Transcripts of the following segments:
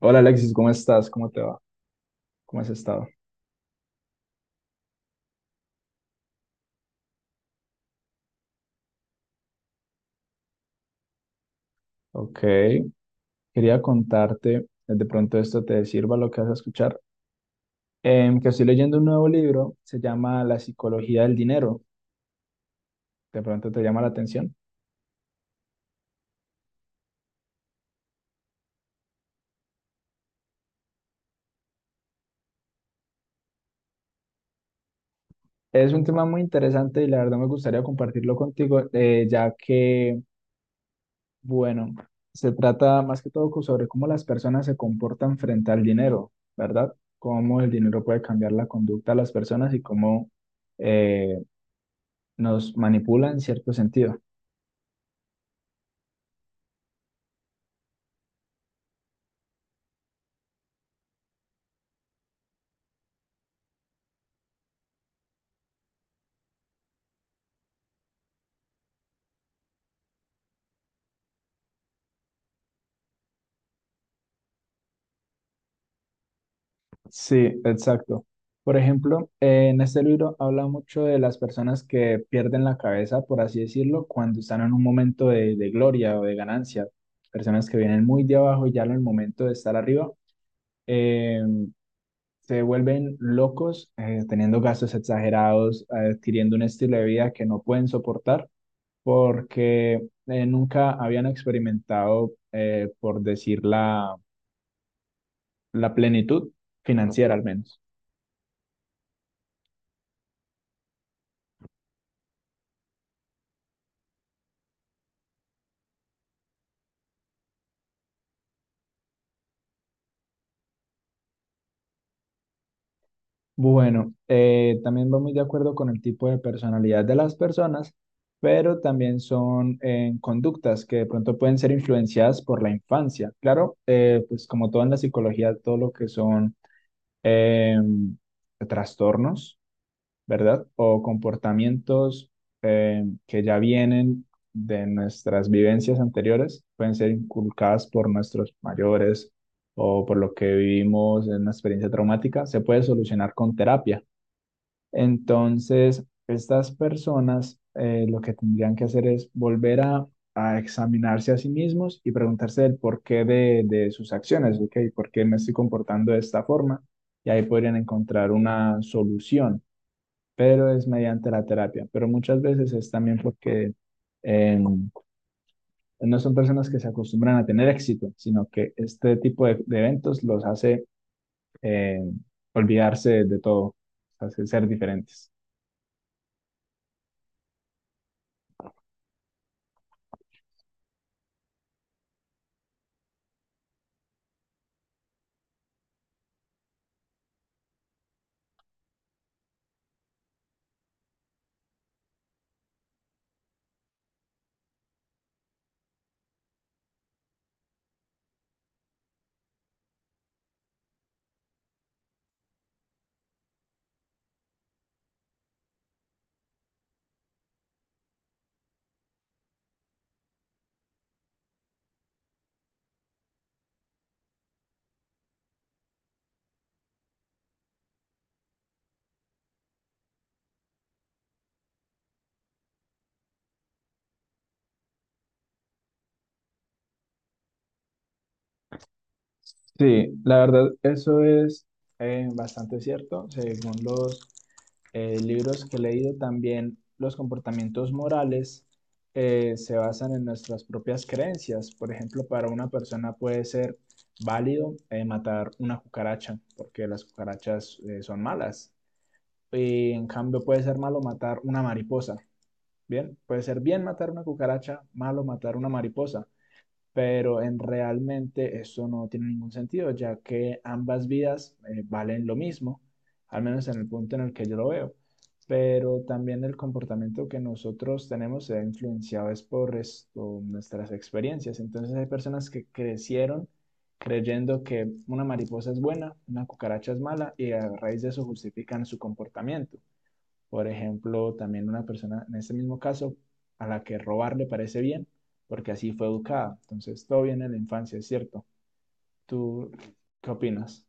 Hola Alexis, ¿cómo estás? ¿Cómo te va? ¿Cómo has estado? Ok, quería contarte, de pronto esto te sirva lo que vas a escuchar, que estoy leyendo un nuevo libro, se llama La psicología del dinero, de pronto te llama la atención. Es un tema muy interesante y la verdad me gustaría compartirlo contigo, ya que, bueno, se trata más que todo sobre cómo las personas se comportan frente al dinero, ¿verdad? Cómo el dinero puede cambiar la conducta de las personas y cómo eh, nos manipula en cierto sentido. Sí, exacto. Por ejemplo, en este libro habla mucho de las personas que pierden la cabeza, por así decirlo, cuando están en un momento de gloria o de ganancia. Personas que vienen muy de abajo y ya en el momento de estar arriba, eh, se vuelven locos, teniendo gastos exagerados, adquiriendo un estilo de vida que no pueden soportar porque nunca habían experimentado, por decir la plenitud financiera al menos. Bueno, también va muy de acuerdo con el tipo de personalidad de las personas, pero también son conductas que de pronto pueden ser influenciadas por la infancia. Claro, pues como todo en la psicología, todo lo que son eh, trastornos, ¿verdad? O comportamientos que ya vienen de nuestras vivencias anteriores, pueden ser inculcadas por nuestros mayores o por lo que vivimos en una experiencia traumática, se puede solucionar con terapia. Entonces, estas personas lo que tendrían que hacer es volver a examinarse a sí mismos y preguntarse el porqué de sus acciones, ¿ok? ¿Por qué me estoy comportando de esta forma? Y ahí podrían encontrar una solución, pero es mediante la terapia. Pero muchas veces es también porque eh, no son personas que se acostumbran a tener éxito, sino que este tipo de eventos los hace eh, olvidarse de todo, hace ser diferentes. Sí, la verdad, eso es bastante cierto. Según los libros que he leído, también los comportamientos morales se basan en nuestras propias creencias. Por ejemplo, para una persona puede ser válido matar una cucaracha, porque las cucarachas son malas. Y en cambio puede ser malo matar una mariposa. Bien, puede ser bien matar una cucaracha, malo matar una mariposa, pero en realmente eso no tiene ningún sentido, ya que ambas vidas valen lo mismo, al menos en el punto en el que yo lo veo. Pero también el comportamiento que nosotros tenemos se ha influenciado es por esto, nuestras experiencias. Entonces hay personas que crecieron creyendo que una mariposa es buena, una cucaracha es mala, y a raíz de eso justifican su comportamiento. Por ejemplo, también una persona, en este mismo caso, a la que robar le parece bien, porque así fue educada. Entonces, todo viene de la infancia, es cierto. ¿Tú qué opinas?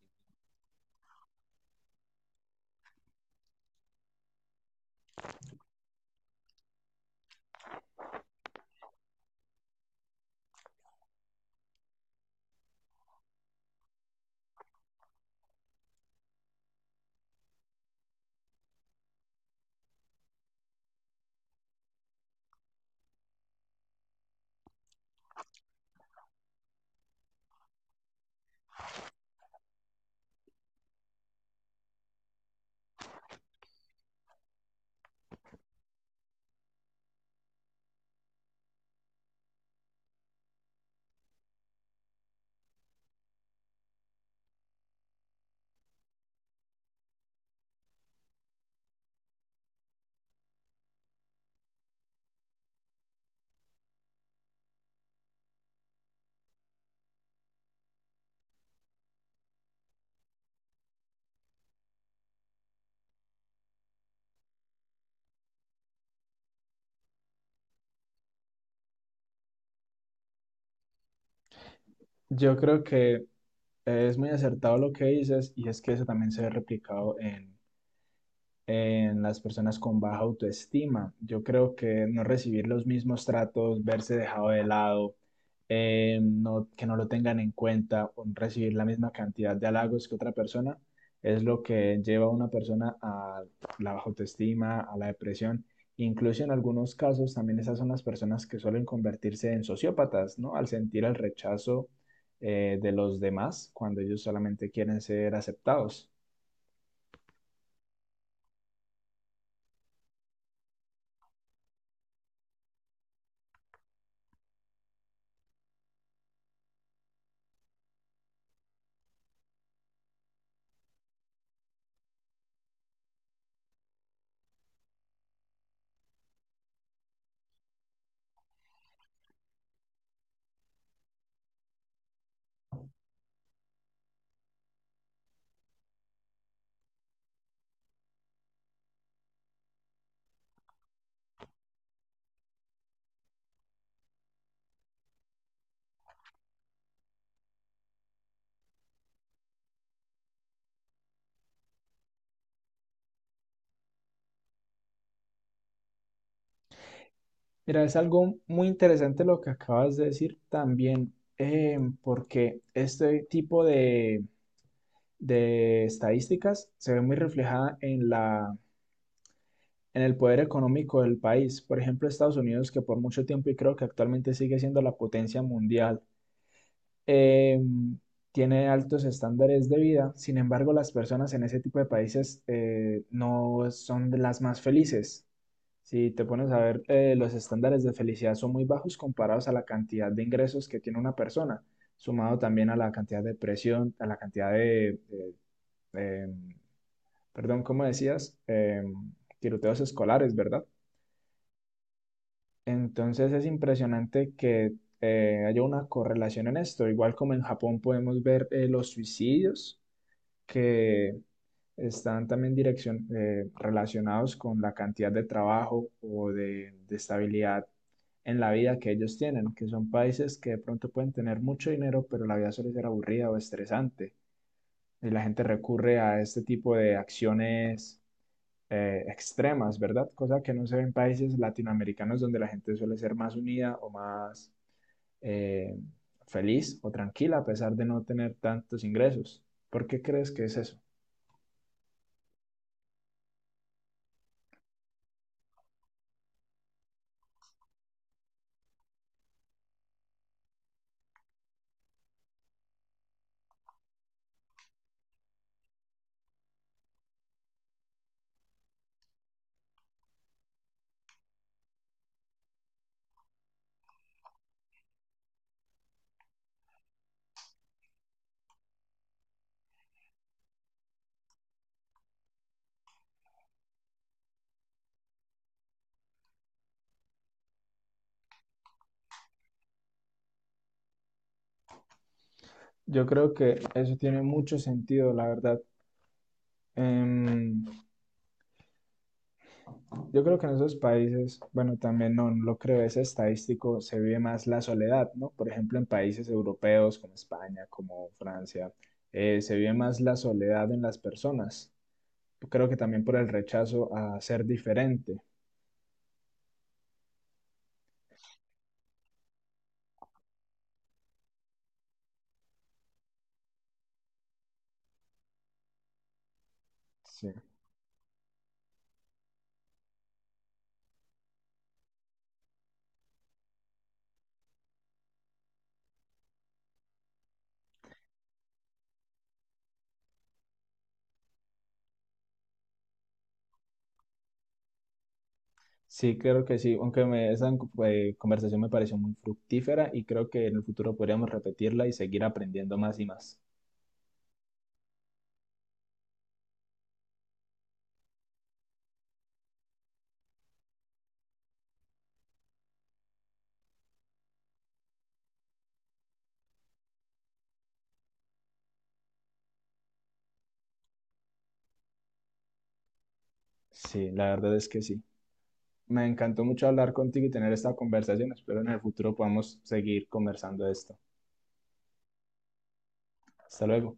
Yo creo que es muy acertado lo que dices y es que eso también se ve replicado en las personas con baja autoestima. Yo creo que no recibir los mismos tratos, verse dejado de lado, no, que no lo tengan en cuenta, o no recibir la misma cantidad de halagos que otra persona, es lo que lleva a una persona a la baja autoestima, a la depresión. Incluso en algunos casos también esas son las personas que suelen convertirse en sociópatas, ¿no? Al sentir el rechazo de los demás cuando ellos solamente quieren ser aceptados. Mira, es algo muy interesante lo que acabas de decir también, porque este tipo de estadísticas se ve muy reflejada en en el poder económico del país. Por ejemplo, Estados Unidos, que por mucho tiempo y creo que actualmente sigue siendo la potencia mundial, eh, tiene altos estándares de vida. Sin embargo, las personas en ese tipo de países no son de las más felices. Si te pones a ver, los estándares de felicidad son muy bajos comparados a la cantidad de ingresos que tiene una persona, sumado también a la cantidad de presión, a la cantidad de, eh, perdón, ¿cómo decías? Tiroteos escolares, ¿verdad? Entonces es impresionante que haya una correlación en esto, igual como en Japón podemos ver los suicidios, que están también relacionados con la cantidad de trabajo o de estabilidad en la vida que ellos tienen, que son países que de pronto pueden tener mucho dinero, pero la vida suele ser aburrida o estresante. Y la gente recurre a este tipo de acciones extremas, ¿verdad? Cosa que no se ve en países latinoamericanos donde la gente suele ser más unida o más eh, feliz o tranquila a pesar de no tener tantos ingresos. ¿Por qué crees que es eso? Yo creo que eso tiene mucho sentido, la verdad. Em, yo creo que en esos países, bueno, también no lo creo, es estadístico, se vive más la soledad, ¿no? Por ejemplo, en países europeos como España, como Francia, se vive más la soledad en las personas. Creo que también por el rechazo a ser diferente. Sí. Sí, creo que sí, aunque esa conversación me pareció muy fructífera y creo que en el futuro podríamos repetirla y seguir aprendiendo más y más. Sí, la verdad es que sí. Me encantó mucho hablar contigo y tener esta conversación. Espero en el futuro podamos seguir conversando de esto. Hasta luego.